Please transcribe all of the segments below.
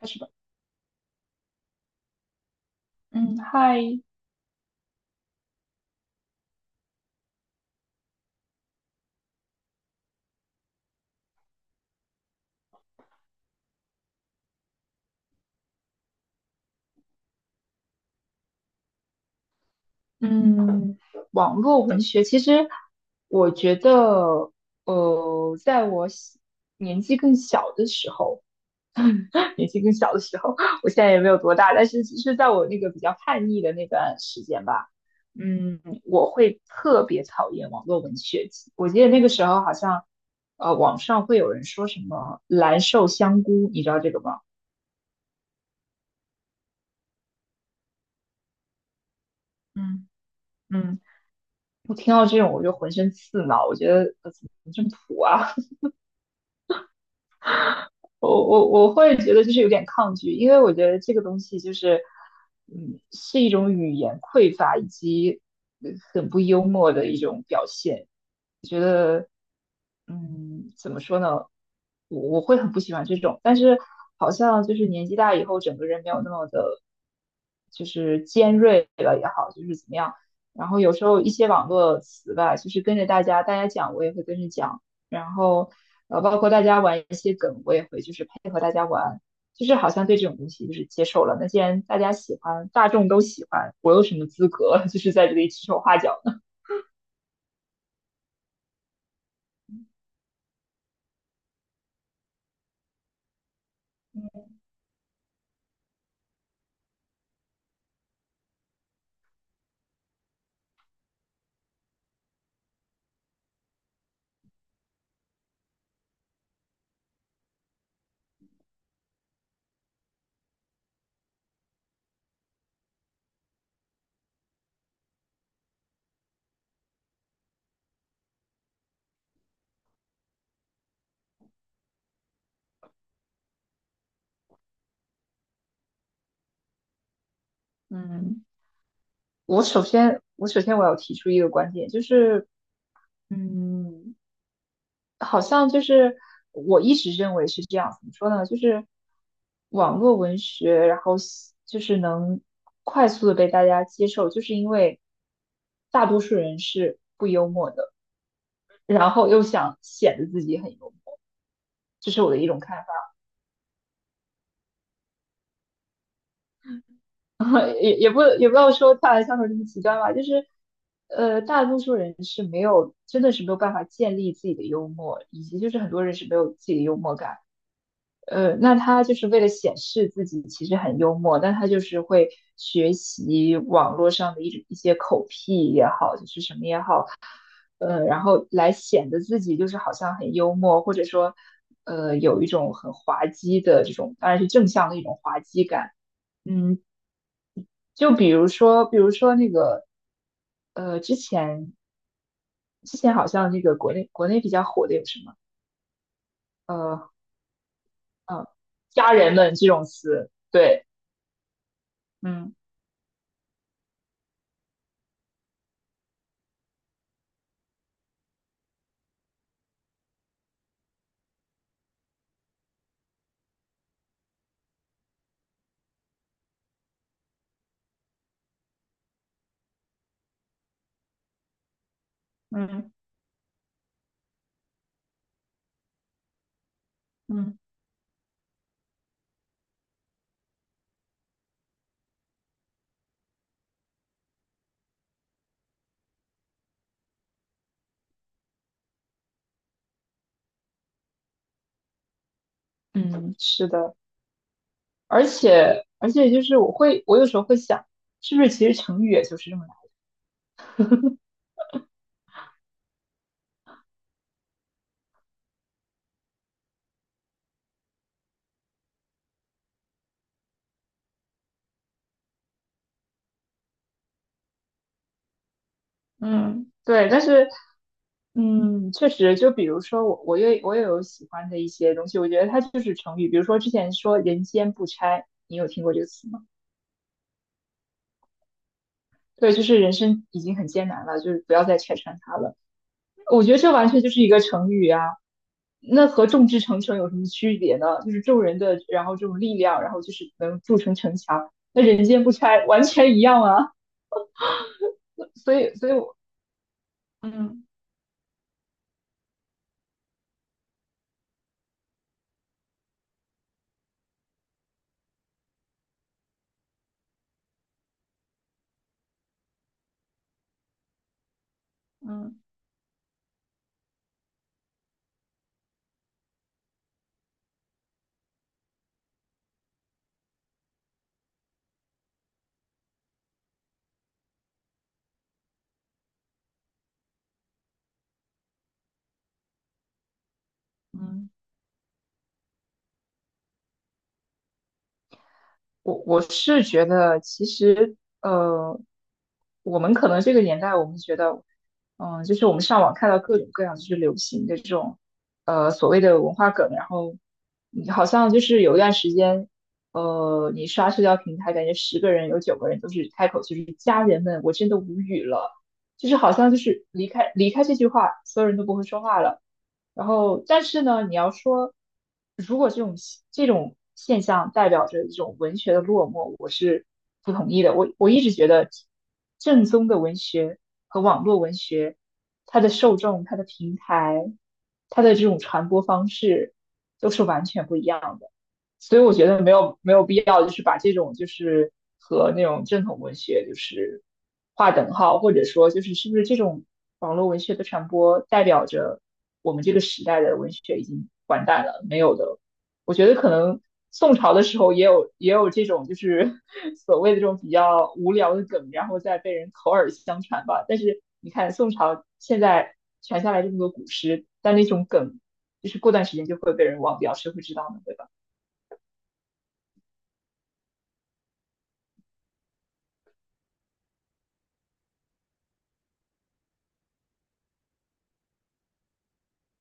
开始吧。嗯，嗨。嗯，网络文学其实我觉得，在我小年纪更小的时候，年纪更小的时候，我现在也没有多大，但是是在我那个比较叛逆的那段时间吧。嗯，我会特别讨厌网络文学。我记得那个时候好像，网上会有人说什么“蓝瘦香菇”，你知道这个吗？嗯。嗯。我听到这种我就浑身刺挠，我觉得怎么这么土啊？我会觉得就是有点抗拒，因为我觉得这个东西就是，嗯，是一种语言匮乏以及很不幽默的一种表现。我觉得，嗯，怎么说呢？我会很不喜欢这种，但是好像就是年纪大以后，整个人没有那么的，就是尖锐了也好，就是怎么样。然后有时候一些网络词吧，就是跟着大家，大家讲我也会跟着讲。然后包括大家玩一些梗，我也会就是配合大家玩，就是好像对这种东西就是接受了。那既然大家喜欢，大众都喜欢，我有什么资格 就是在这里指手画脚呢？嗯，我首先我要提出一个观点，就是嗯，好像就是我一直认为是这样，怎么说呢？就是网络文学，然后喜就是能快速的被大家接受，就是因为大多数人是不幽默的。然后又想显得自己很幽默，这是我的一种看法。也不要说大的相处这么极端吧，就是大多数人是没有，真的是没有办法建立自己的幽默，以及就是很多人是没有自己的幽默感。那他就是为了显示自己其实很幽默，但他就是会学习网络上的一些口癖也好，就是什么也好。然后来显得自己就是好像很幽默，或者说，有一种很滑稽的这种，当然是正向的一种滑稽感。嗯，就比如说，比如说那个，呃，之前之前好像那个国内比较火的有什么，呃，呃，家人们这种词，对。嗯。嗯。嗯。嗯，是的，而且就是我会，我有时候会想，是不是其实成语也就是这么，嗯，对，但是，嗯，确实，就比如说我，我也有喜欢的一些东西，我觉得它就是成语，比如说之前说“人间不拆”，你有听过这个词吗？对，就是人生已经很艰难了，就是不要再拆穿它了。我觉得这完全就是一个成语啊，那和众志成城有什么区别呢？就是众人的，然后这种力量，然后就是能筑成城墙，那人间不拆完全一样啊。所以我，嗯。嗯。嗯。我我是觉得，其实呃，我们可能这个年代，我们觉得，嗯，就是我们上网看到各种各样就是流行的这种所谓的文化梗，然后你好像就是有一段时间，你刷社交平台，感觉十个人有九个人都是开口就是家人们，我真的无语了，就是好像就是离开这句话，所有人都不会说话了。然后，但是呢，你要说，如果这种现象代表着一种文学的落寞，我是不同意的。我一直觉得，正宗的文学和网络文学，它的受众、它的平台、它的这种传播方式都是完全不一样的。所以我觉得没有必要，就是把这种就是和那种正统文学就是划等号，或者说就是是不是这种网络文学的传播代表着我们这个时代的文学已经完蛋了？没有的，我觉得可能宋朝的时候也有这种就是 所谓的这种比较无聊的梗，然后再被人口耳相传吧。但是你看宋朝现在传下来这么多古诗，但那种梗就是过段时间就会被人忘掉，谁会知道呢？对吧？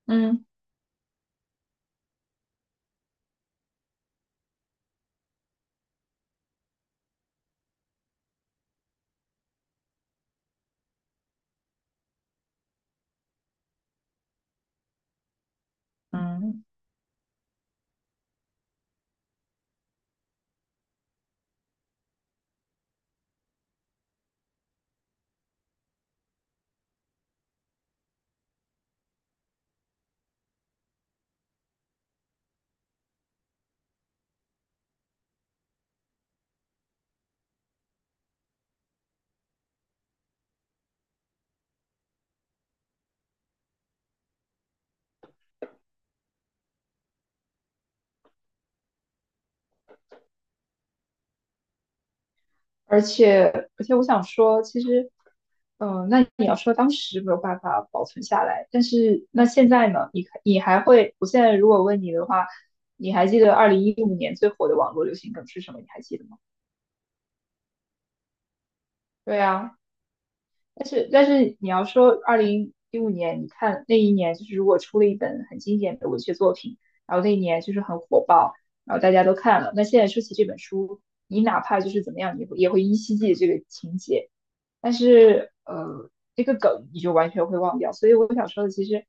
嗯。嗯。而且而且我想说，其实，嗯、那你要说当时没有办法保存下来，但是那现在呢？你看你还会，我现在如果问你的话，你还记得二零一五年最火的网络流行梗是什么？你还记得吗？对啊。但是你要说二零一五年，你看那一年就是如果出了一本很经典的文学作品，然后那一年就是很火爆，然后大家都看了，那现在说起这本书，你哪怕就是怎么样，你也会依稀记得这个情节。但是这个梗你就完全会忘掉。所以我想说的，其实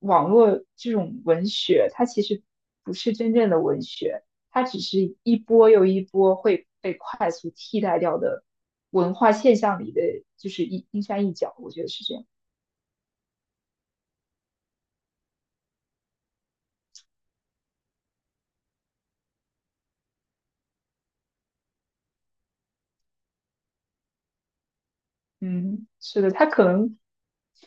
网络这种文学，它其实不是真正的文学，它只是一波又一波会被快速替代掉的文化现象里的，就是一冰山一角。我觉得是这样。嗯，是的，它可能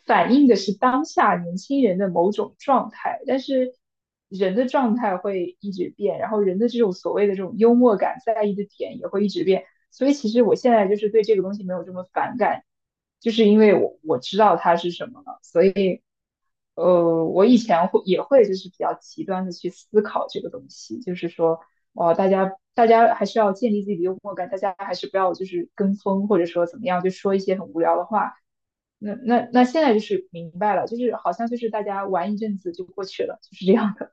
反映的是当下年轻人的某种状态，但是人的状态会一直变，然后人的这种所谓的这种幽默感在意的点也会一直变，所以其实我现在就是对这个东西没有这么反感，就是因为我知道它是什么了，所以我以前会就是比较极端的去思考这个东西，就是说。哦，大家还是要建立自己的幽默感，大家还是不要就是跟风，或者说怎么样，就说一些很无聊的话。那现在就是明白了，就是好像就是大家玩一阵子就过去了，就是这样的。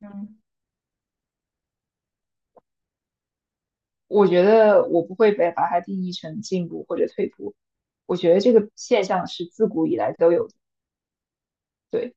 嗯。 我觉得我不会被把它定义成进步或者退步，我觉得这个现象是自古以来都有的。对。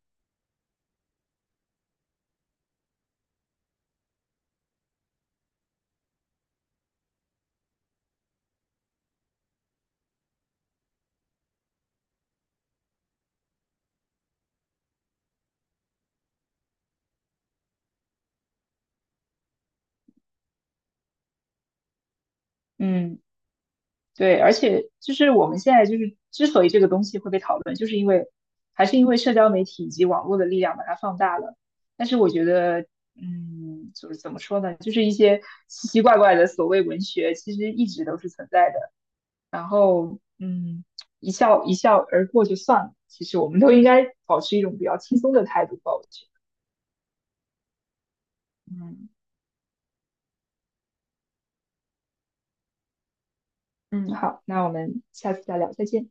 嗯。对，而且就是我们现在就是之所以这个东西会被讨论，就是因为还是因为社交媒体以及网络的力量把它放大了。但是我觉得，嗯，就是怎么说呢，就是一些奇奇怪怪的所谓文学，其实一直都是存在的。然后嗯，一笑而过就算了。其实我们都应该保持一种比较轻松的态度吧，我觉得。嗯。嗯，好，那我们下次再聊，再见。